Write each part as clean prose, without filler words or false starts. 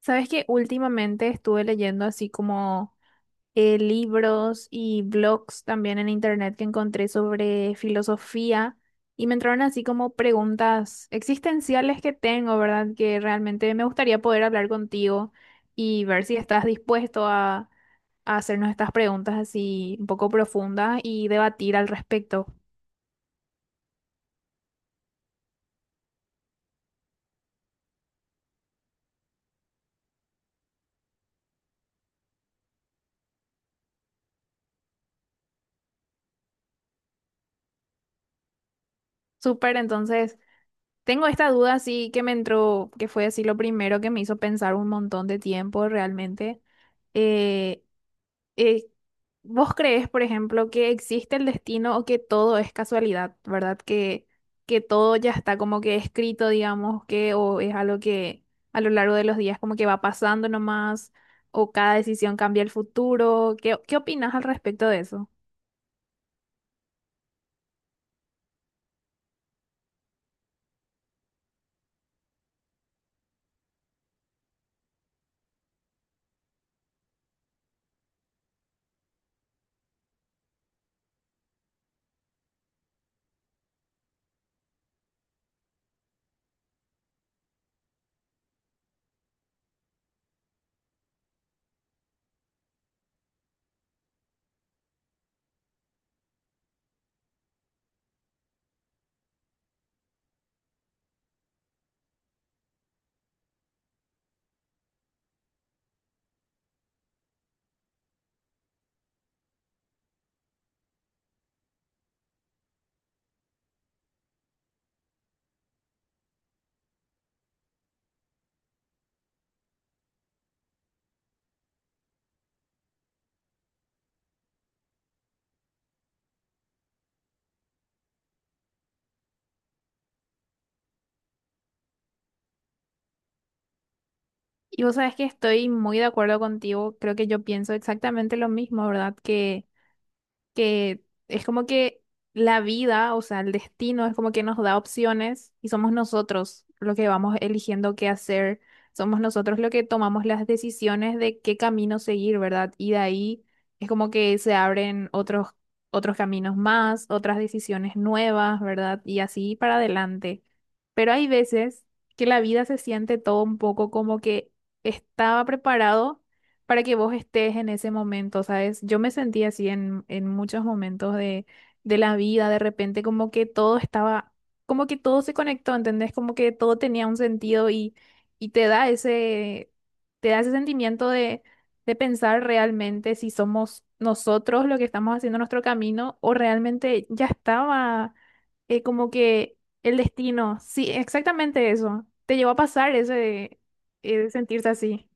Sabes que últimamente estuve leyendo así como libros y blogs también en internet que encontré sobre filosofía, y me entraron así como preguntas existenciales que tengo, ¿verdad? Que realmente me gustaría poder hablar contigo y ver si estás dispuesto a hacernos estas preguntas así un poco profundas y debatir al respecto. Súper, entonces tengo esta duda así que me entró, que fue así lo primero que me hizo pensar un montón de tiempo realmente. Eh, eh, ¿Vos crees, por ejemplo, que existe el destino o que todo es casualidad, ¿verdad? Que todo ya está como que escrito, digamos, que o es algo que a lo largo de los días como que va pasando nomás, o cada decisión cambia el futuro. ¿Qué opinas al respecto de eso? Y vos sabes que estoy muy de acuerdo contigo, creo que yo pienso exactamente lo mismo, ¿verdad? Que es como que la vida, o sea, el destino es como que nos da opciones y somos nosotros lo que vamos eligiendo qué hacer, somos nosotros lo que tomamos las decisiones de qué camino seguir, ¿verdad? Y de ahí es como que se abren otros caminos más, otras decisiones nuevas, ¿verdad? Y así para adelante. Pero hay veces que la vida se siente todo un poco como que estaba preparado para que vos estés en ese momento, ¿sabes? Yo me sentí así en muchos momentos de la vida, de repente como que todo estaba, como que todo se conectó, ¿entendés? Como que todo tenía un sentido y te da te da ese sentimiento de pensar realmente si somos nosotros lo que estamos haciendo nuestro camino o realmente ya estaba como que el destino. Sí, exactamente eso. Te llevó a pasar ese, sentirse así.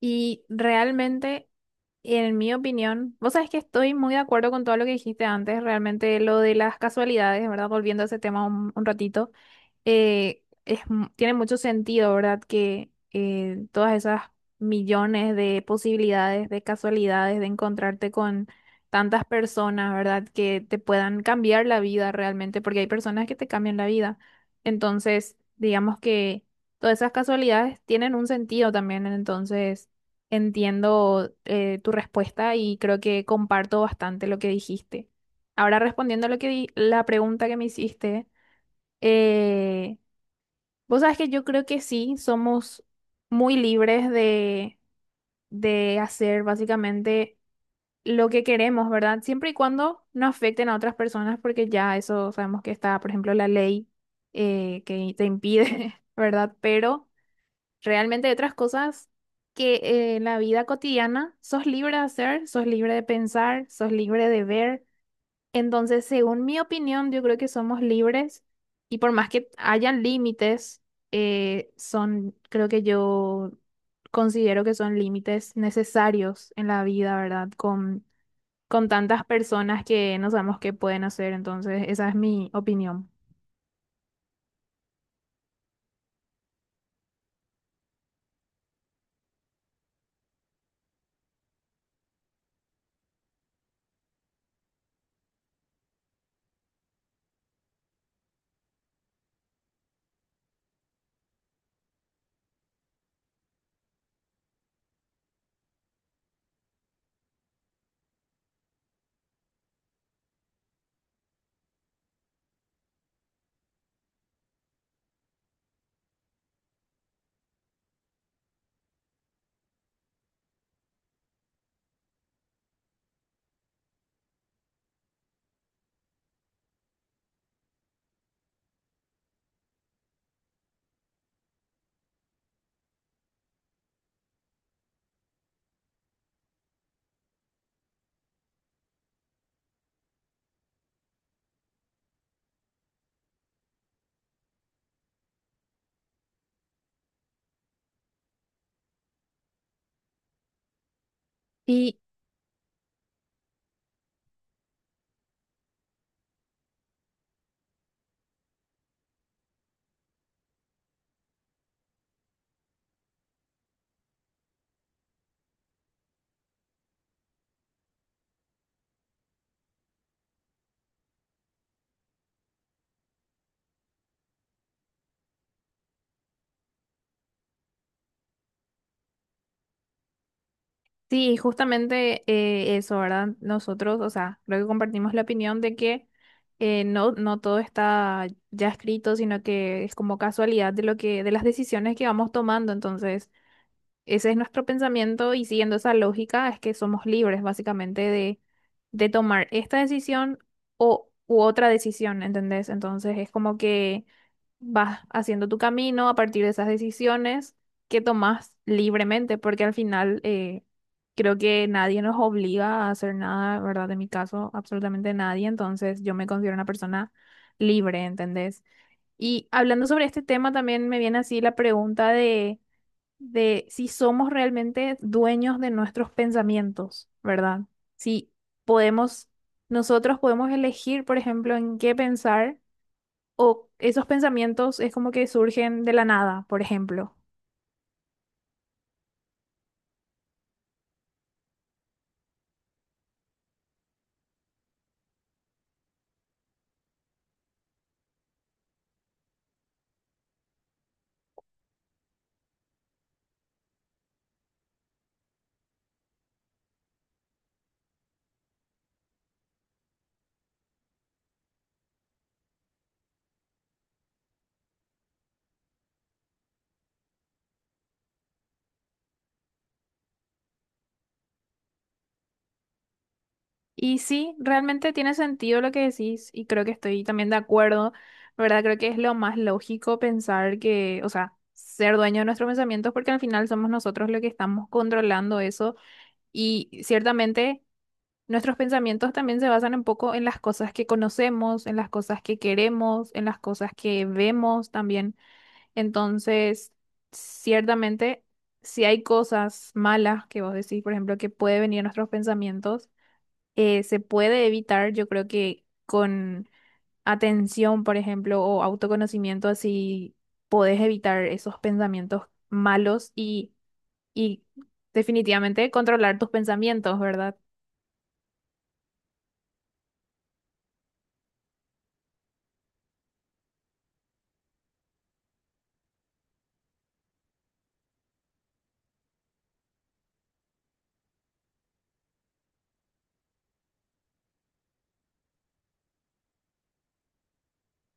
Y realmente, en mi opinión, vos sabés que estoy muy de acuerdo con todo lo que dijiste antes, realmente lo de las casualidades, ¿verdad? Volviendo a ese tema un ratito, tiene mucho sentido, ¿verdad? Que todas esas millones de posibilidades, de casualidades, de encontrarte con tantas personas, ¿verdad? Que te puedan cambiar la vida realmente, porque hay personas que te cambian la vida. Entonces, digamos que todas esas casualidades tienen un sentido también, entonces entiendo tu respuesta y creo que comparto bastante lo que dijiste. Ahora respondiendo a lo que la pregunta que me hiciste. Eh, Vos sabés que yo creo que sí, somos muy libres de hacer básicamente lo que queremos, ¿verdad? Siempre y cuando no afecten a otras personas, porque ya eso sabemos que está, por ejemplo, la ley que te impide, ¿verdad? Pero realmente hay otras cosas que en la vida cotidiana sos libre de hacer, sos libre de pensar, sos libre de ver. Entonces, según mi opinión, yo creo que somos libres, y por más que hayan límites, creo que yo considero que son límites necesarios en la vida, ¿verdad? Con tantas personas que no sabemos qué pueden hacer, entonces esa es mi opinión. Y sí, justamente eso, ¿verdad? Nosotros, o sea, creo que compartimos la opinión de que no todo está ya escrito, sino que es como casualidad de lo de las decisiones que vamos tomando. Entonces, ese es nuestro pensamiento y siguiendo esa lógica es que somos libres básicamente de tomar esta decisión u otra decisión, ¿entendés? Entonces es como que vas haciendo tu camino a partir de esas decisiones que tomas libremente, porque al final creo que nadie nos obliga a hacer nada, ¿verdad? En mi caso, absolutamente nadie, entonces yo me considero una persona libre, ¿entendés? Y hablando sobre este tema también me viene así la pregunta de si somos realmente dueños de nuestros pensamientos, ¿verdad? Si podemos, nosotros podemos elegir, por ejemplo, en qué pensar, o esos pensamientos es como que surgen de la nada, por ejemplo. Y sí, realmente tiene sentido lo que decís y creo que estoy también de acuerdo, ¿verdad? Creo que es lo más lógico pensar que, o sea, ser dueño de nuestros pensamientos porque al final somos nosotros los que estamos controlando eso y ciertamente, nuestros pensamientos también se basan un poco en las cosas que conocemos, en las cosas que queremos, en las cosas que vemos también. Entonces, ciertamente, si hay cosas malas que vos decís, por ejemplo, que puede venir a nuestros pensamientos, se puede evitar, yo creo que con atención, por ejemplo, o autoconocimiento, así podés evitar esos pensamientos malos y definitivamente controlar tus pensamientos, ¿verdad?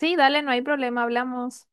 Sí, dale, no hay problema, hablamos.